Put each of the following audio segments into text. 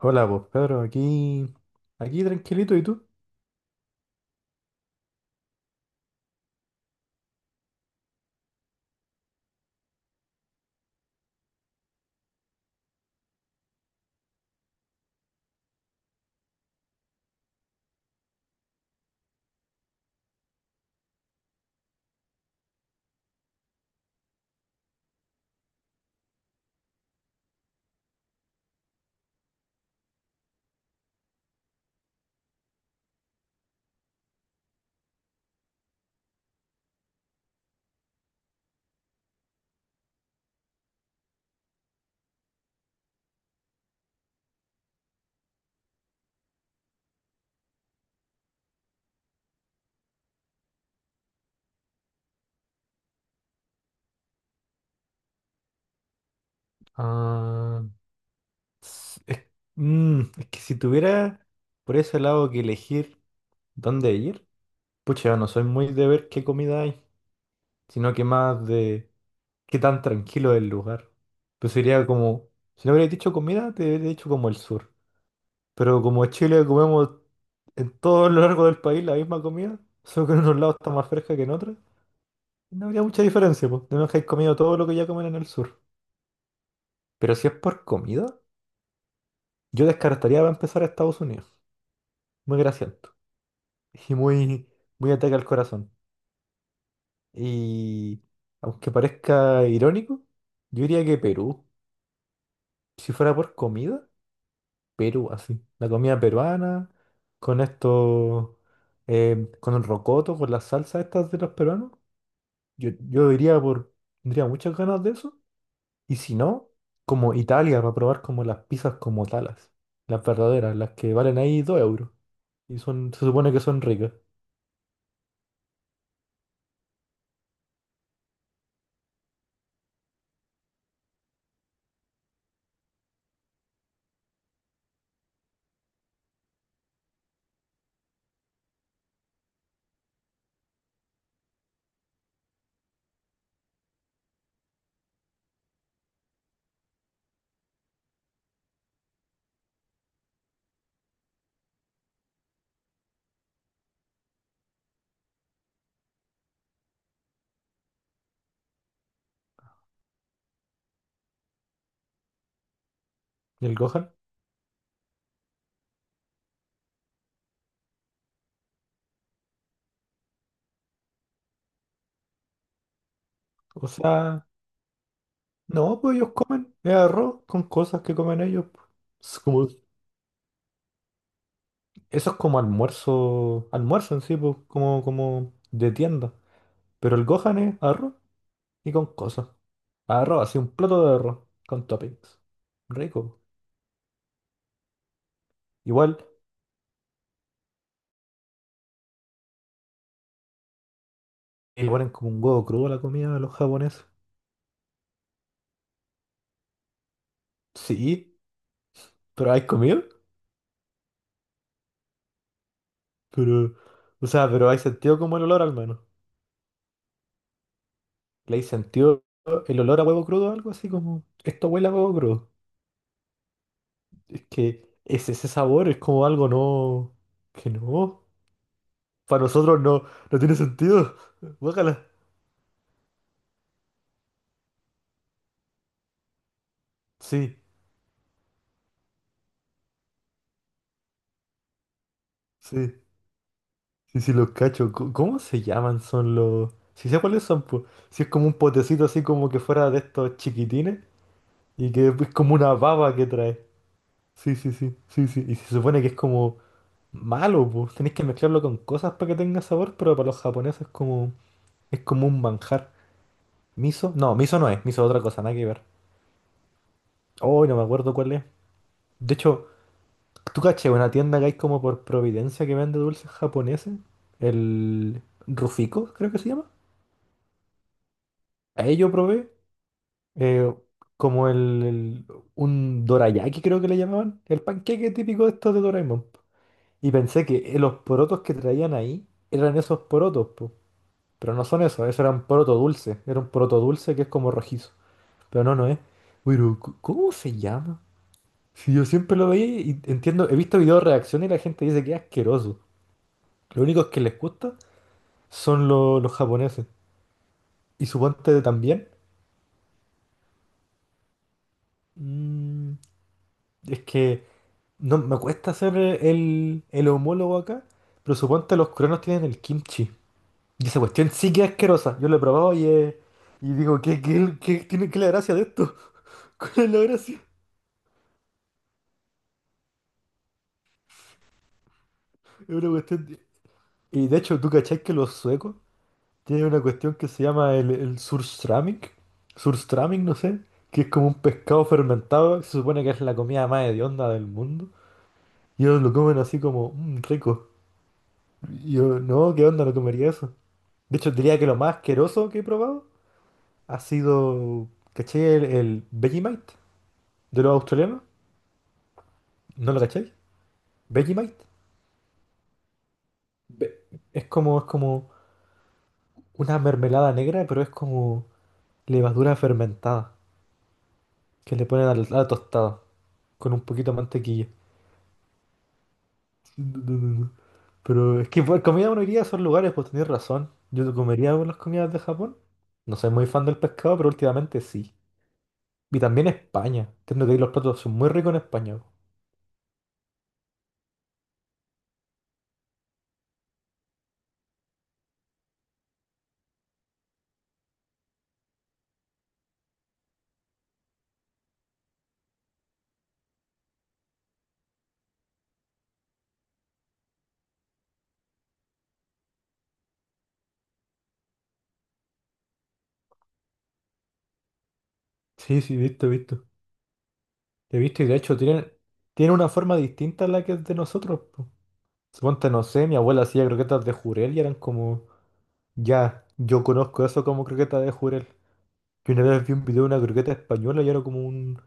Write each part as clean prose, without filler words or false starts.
Hola, pues Pedro, aquí, tranquilito, ¿y tú? Ah, s- es, es que si tuviera por ese lado que elegir dónde ir, pucha, yo no soy muy de ver qué comida hay, sino que más de qué tan tranquilo es el lugar. Pues sería como, si no hubiera dicho comida, te hubiera dicho como el sur. Pero como en Chile comemos en todo lo largo del país la misma comida, solo que en unos lados está más fresca que en otros, no habría mucha diferencia, pues, de menos que hayas comido todo lo que ya comen en el sur. Pero si es por comida, yo descartaría para empezar a Estados Unidos. Muy grasiento. Y muy ataque al corazón. Y aunque parezca irónico, yo diría que Perú. Si fuera por comida, Perú, así. La comida peruana, con esto, con el rocoto, con las salsas estas de los peruanos. Yo diría por, tendría muchas ganas de eso. Y si no, como Italia, para probar como las pizzas como talas. Las verdaderas, las que valen ahí 2 euros. Y son, se supone que son ricas. ¿Y el Gohan? O sea, no, pues ellos comen. Es arroz con cosas que comen ellos. Po. Es como, eso es como almuerzo. Almuerzo en sí, pues, como, como de tienda. Pero el Gohan es arroz y con cosas. Arroz, así un plato de arroz con toppings. Rico. Igual, igual es como un huevo crudo a la comida de los japoneses. Sí, pero ¿hay comido? Pero, o sea, pero hay sentido como el olor al menos. ¿Le hay sentido el olor a huevo crudo? Algo así como, esto huele a huevo crudo. Es que es ese sabor, es como algo no, que no. Para nosotros no, no tiene sentido. Guácala. Sí, sí, sí, sí, los cacho. Co- ¿Cómo se llaman? Son los... Si sé cuáles son, pues. Si es como un potecito así como que fuera de estos chiquitines y que es como una baba que trae. Sí, sí, sí, sí, sí. Y se supone que es como... Malo, pues. Tenéis que mezclarlo con cosas para que tenga sabor, pero para los japoneses es como un manjar. ¿Miso? No, miso no es. Miso es otra cosa, nada que ver. Hoy no me acuerdo cuál es. De hecho, ¿tú caché una tienda que hay como por Providencia que vende dulces japoneses? El Rufico, creo que se llama. Ahí yo probé eh, como un dorayaki, creo que le llamaban. El panqueque típico de estos de Doraemon. Po. Y pensé que los porotos que traían ahí eran esos porotos, pero no son eso, eso era un poroto dulce. Era un poroto dulce que es como rojizo. Pero no, no es. Pero, ¿cómo se llama? Si yo siempre lo veía y entiendo, he visto videos de reacción y la gente dice que es asqueroso. Lo único que les gusta son los japoneses. Y suponte también. mm, es que no me cuesta hacer el homólogo acá, pero suponte los coreanos tienen el kimchi. Y esa cuestión sí que es asquerosa. Yo lo he probado y digo, ¿ qué es la gracia de esto? ¿Cuál es la gracia? Es una cuestión de. Y de hecho, ¿tú cachás que los suecos tienen una cuestión que se llama el surströmming? Surströmming, no sé, que es como un pescado fermentado, que se supone que es la comida más hedionda del mundo. Y ellos lo comen así como, "Mm, rico". Y yo, no, ¿qué onda? No comería eso. De hecho, diría que lo más asqueroso que he probado ha sido, ¿cachai? El Vegemite de los australianos. ¿No lo cacháis? Vegemite. Ve- es como una mermelada negra, pero es como levadura fermentada. Que le ponen a la tostada con un poquito de mantequilla. Pero es que por comida uno iría a esos lugares, pues tenés razón. Yo comería las comidas de Japón. No soy muy fan del pescado, pero últimamente sí. Y también España. Tengo que ir, los platos son muy ricos en España. Po. Sí, sí, visto, visto. He visto y de hecho tienen, tienen una forma distinta a la que es de nosotros. Po. Suponte, no sé, mi abuela hacía croquetas de jurel y eran como, ya, yo conozco eso como croquetas de jurel. Que una vez vi un video de una croqueta española y era como un,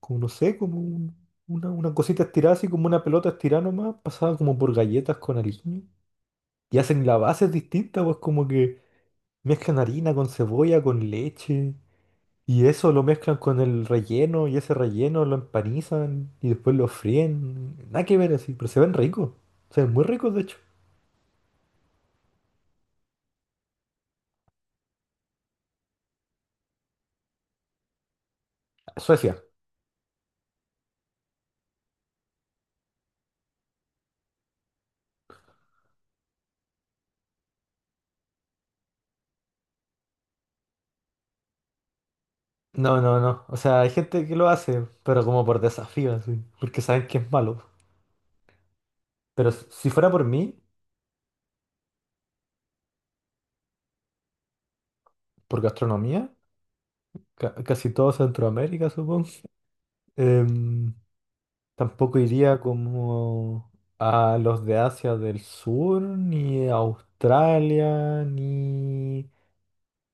como no sé, una cosita estirada, así como una pelota estirada nomás, pasada como por galletas con harina. Y hacen la base distinta, pues como que mezclan harina con cebolla, con leche. Y eso lo mezclan con el relleno y ese relleno lo empanizan y después lo fríen. Nada que ver así, pero se ven ricos. Se ven muy ricos, de hecho. Suecia. No, no, no. O sea, hay gente que lo hace, pero como por desafío, así, porque saben que es malo. Pero si fuera por mí... Por gastronomía, casi todo Centroamérica, supongo. Em, tampoco iría como a los de Asia del Sur, ni a Australia, ni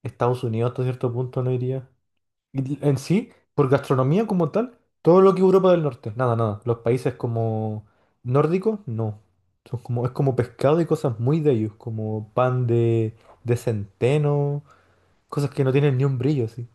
Estados Unidos hasta cierto punto no iría. Y en sí, por gastronomía como tal, todo lo que Europa del Norte, nada, nada. Los países como nórdicos, no. Son como, es como pescado y cosas muy de ellos, como pan de centeno, cosas que no tienen ni un brillo, así.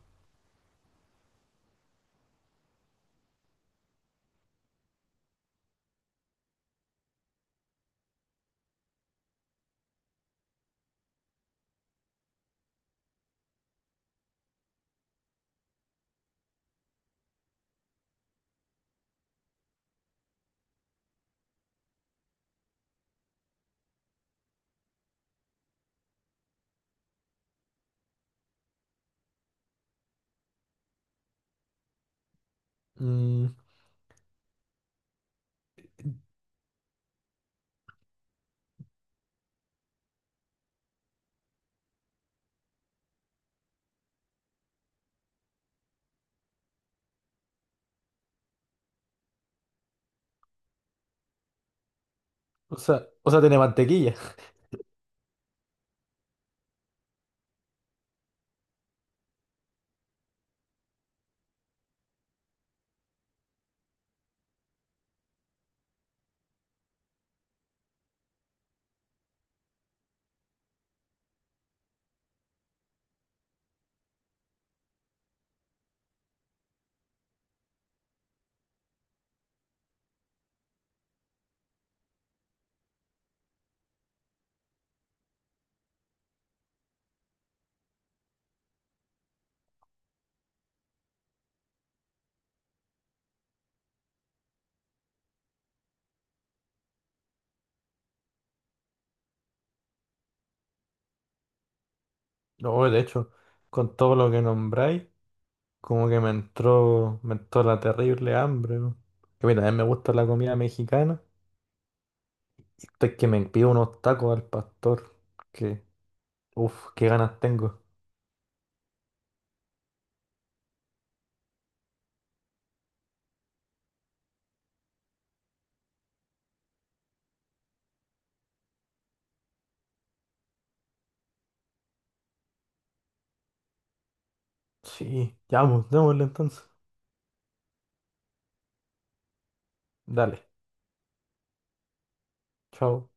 Mm. O sea, tiene mantequilla. No, de hecho, con todo lo que nombráis, como que me entró la terrible hambre. Weón. Que mira, a mí me gusta la comida mexicana. Y es que me pido unos tacos al pastor. Que, uff, qué ganas tengo. Sí, ya vamos, démosle entonces. Dale, chao.